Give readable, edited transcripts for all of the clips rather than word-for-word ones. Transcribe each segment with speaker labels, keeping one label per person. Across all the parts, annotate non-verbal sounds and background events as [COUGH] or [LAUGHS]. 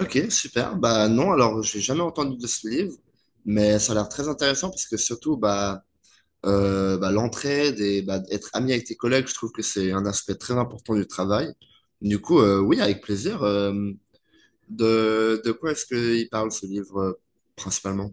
Speaker 1: Ok, super. Bah non, alors j'ai jamais entendu de ce livre, mais ça a l'air très intéressant parce que surtout bah, bah l'entraide et bah, être ami avec tes collègues, je trouve que c'est un aspect très important du travail. Du coup, oui, avec plaisir. De quoi est-ce qu'il parle ce livre principalement?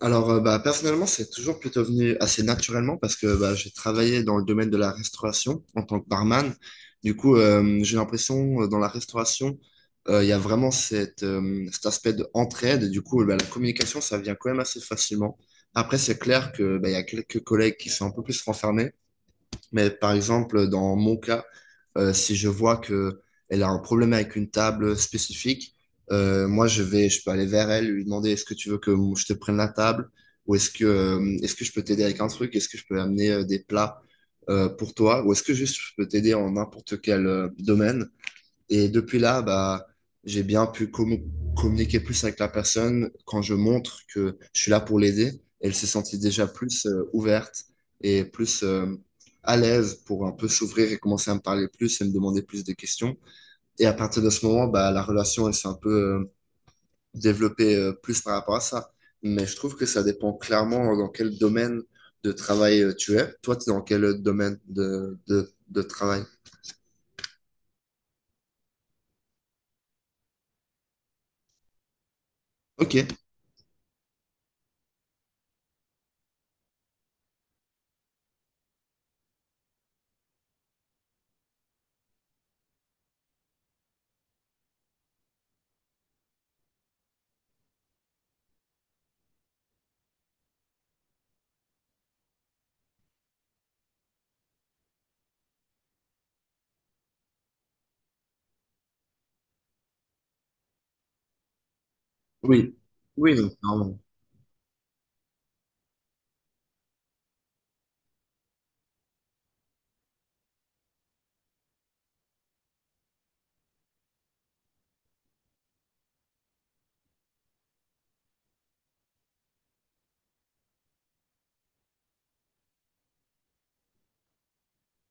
Speaker 1: Alors, bah, personnellement, c'est toujours plutôt venu assez naturellement parce que bah, j'ai travaillé dans le domaine de la restauration en tant que barman. Du coup, j'ai l'impression, dans la restauration, il y a vraiment cette, cet aspect d'entraide. Du coup, bah, la communication, ça vient quand même assez facilement. Après, c'est clair que bah, il y a quelques collègues qui sont un peu plus renfermés. Mais par exemple, dans mon cas, si je vois que elle a un problème avec une table spécifique, moi je vais, je peux aller vers elle, lui demander est-ce que tu veux que je te prenne la table ou est-ce que je peux t'aider avec un truc, est-ce que je peux amener des plats pour toi ou est-ce que juste je peux t'aider en n'importe quel domaine. Et depuis là, bah, j'ai bien pu commu- communiquer plus avec la personne quand je montre que je suis là pour l'aider. Elle s'est sentie déjà plus ouverte et plus à l'aise pour un peu s'ouvrir et commencer à me parler plus et me demander plus de questions. Et à partir de ce moment, bah, la relation, elle s'est un peu développée plus par rapport à ça. Mais je trouve que ça dépend clairement dans quel domaine de travail tu es. Toi, tu es dans quel domaine de travail? Ok, oui. Oui, non, clairement.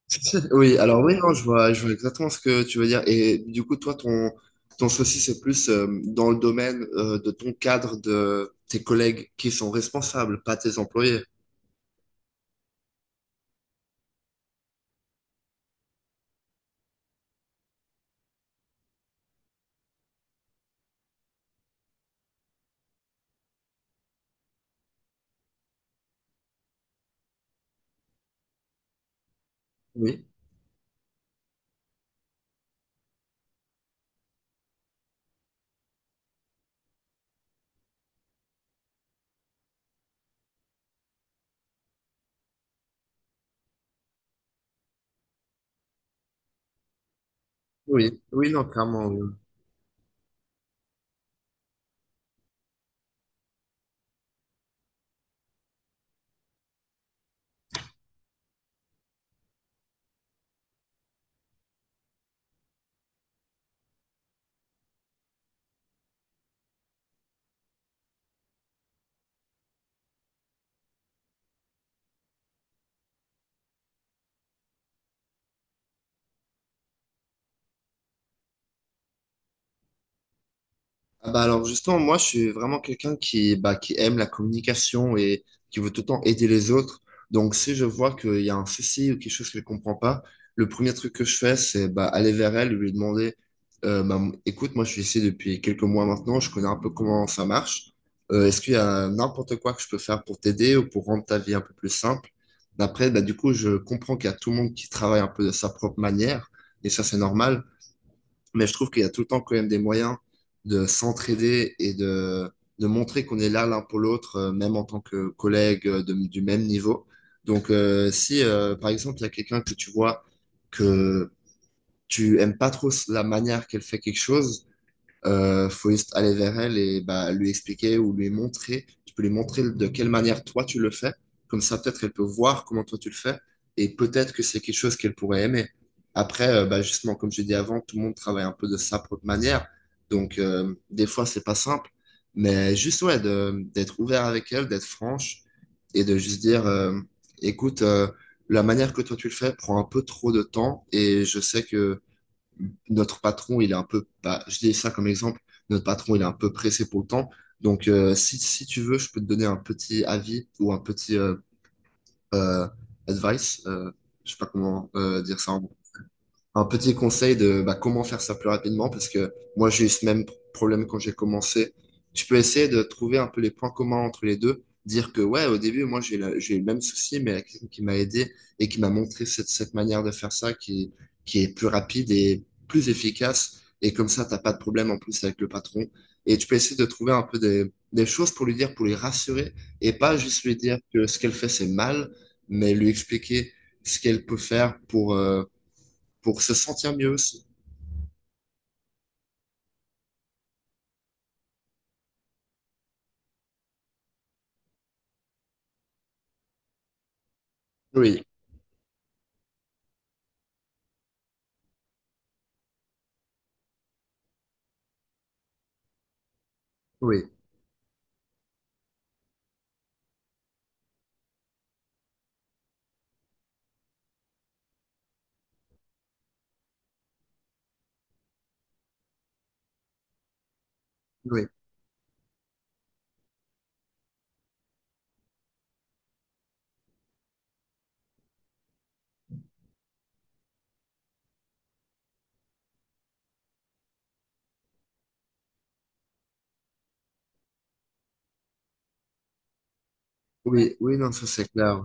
Speaker 1: [LAUGHS] Oui, alors oui, non, je vois exactement ce que tu veux dire. Et du coup, toi, ton souci, c'est plus dans le domaine de ton cadre, de tes collègues qui sont responsables, pas tes employés. Oui, oui, oui, non, clairement. Oui. Ah bah alors justement, moi je suis vraiment quelqu'un qui, bah, qui aime la communication et qui veut tout le temps aider les autres. Donc si je vois qu'il y a un souci ou quelque chose que je comprends pas, le premier truc que je fais, c'est bah, aller vers elle et lui demander, bah, écoute, moi je suis ici depuis quelques mois maintenant, je connais un peu comment ça marche. Est-ce qu'il y a n'importe quoi que je peux faire pour t'aider ou pour rendre ta vie un peu plus simple? Après, bah, du coup, je comprends qu'il y a tout le monde qui travaille un peu de sa propre manière et ça c'est normal. Mais je trouve qu'il y a tout le temps quand même des moyens de s'entraider et de montrer qu'on est là l'un pour l'autre, même en tant que collègue du même niveau. Donc, si par exemple, il y a quelqu'un que tu vois que tu aimes pas trop la manière qu'elle fait quelque chose, faut juste aller vers elle et bah, lui expliquer ou lui montrer. Tu peux lui montrer de quelle manière toi tu le fais. Comme ça, peut-être elle peut voir comment toi tu le fais. Et peut-être que c'est quelque chose qu'elle pourrait aimer. Après, bah, justement, comme je l'ai dit avant, tout le monde travaille un peu de sa propre manière. Donc, des fois, c'est pas simple. Mais juste, ouais, d'être ouvert avec elle, d'être franche et de juste dire, écoute, la manière que toi tu le fais prend un peu trop de temps et je sais que notre patron, il est un peu, bah, je dis ça comme exemple, notre patron, il est un peu pressé pour le temps. Donc, si tu veux, je peux te donner un petit avis ou un petit euh, advice. Je sais pas comment dire ça en un petit conseil de bah, comment faire ça plus rapidement, parce que moi j'ai eu ce même problème quand j'ai commencé. Tu peux essayer de trouver un peu les points communs entre les deux, dire que ouais, au début, moi j'ai eu le même souci, mais il y a quelqu'un qui m'a aidé et qui m'a montré cette manière de faire ça qui est plus rapide et plus efficace. Et comme ça, t'as pas de problème en plus avec le patron. Et tu peux essayer de trouver un peu des choses pour lui dire, pour lui rassurer, et pas juste lui dire que ce qu'elle fait, c'est mal, mais lui expliquer ce qu'elle peut faire pour se sentir mieux aussi. Oui, oui, oui, oui, oui, non, ça c'est clair.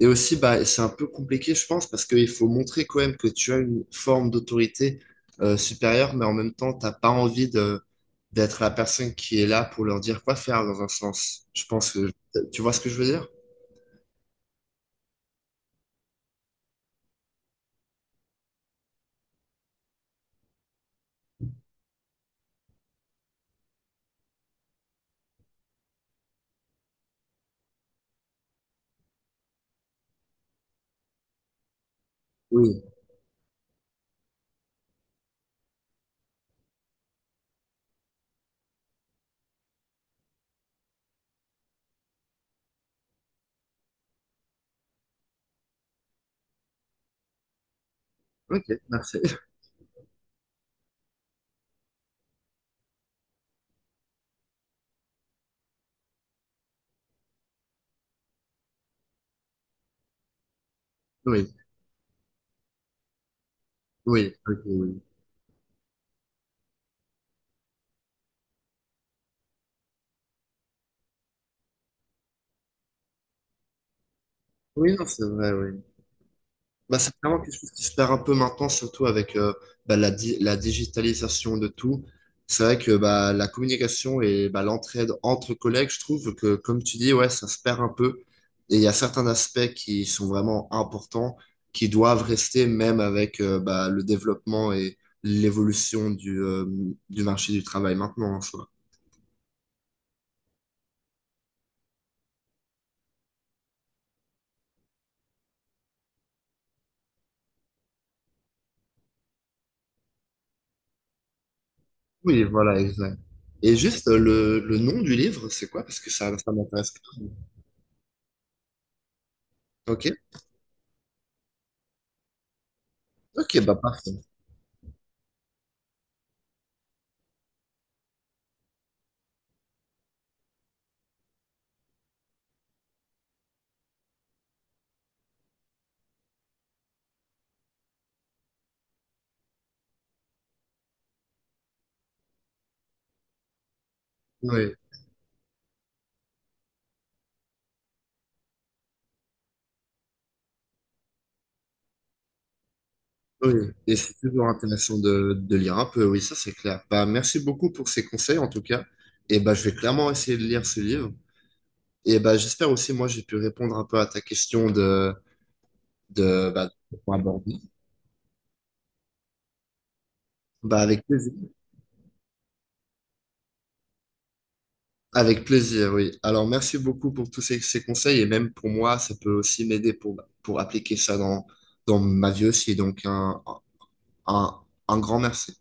Speaker 1: Et aussi, bah, c'est un peu compliqué, je pense, parce qu'il faut montrer quand même que tu as une forme d'autorité supérieure, mais en même temps, t'as pas envie de d'être la personne qui est là pour leur dire quoi faire dans un sens. Je pense que tu vois ce que je veux dire? Oui. Ok, merci. [LAUGHS] Oui, oui, ok, oui. Oui, non, c'est vrai, oui. Bah, c'est vraiment quelque chose qui se perd un peu maintenant, surtout avec bah, la digitalisation de tout. C'est vrai que bah, la communication et bah, l'entraide entre collègues, je trouve que, comme tu dis, ouais, ça se perd un peu. Et il y a certains aspects qui sont vraiment importants, qui doivent rester même avec bah, le développement et l'évolution du marché du travail maintenant en soi. Oui, voilà, exact. Et juste le nom du livre, c'est quoi? Parce que ça m'intéresse. Ok, ok, bah parfait. Oui. Oui, et c'est toujours intéressant de lire un peu, oui, ça c'est clair. Bah, merci beaucoup pour ces conseils en tout cas. Et bah, je vais clairement essayer de lire ce livre. Et bah, j'espère aussi, moi, j'ai pu répondre un peu à ta question de, bah, de point abordé. Bah, avec plaisir. Avec plaisir, oui. Alors, merci beaucoup pour tous ces, ces conseils. Et même pour moi, ça peut aussi m'aider pour appliquer ça dans, dans ma vie aussi. Donc, un, un grand merci.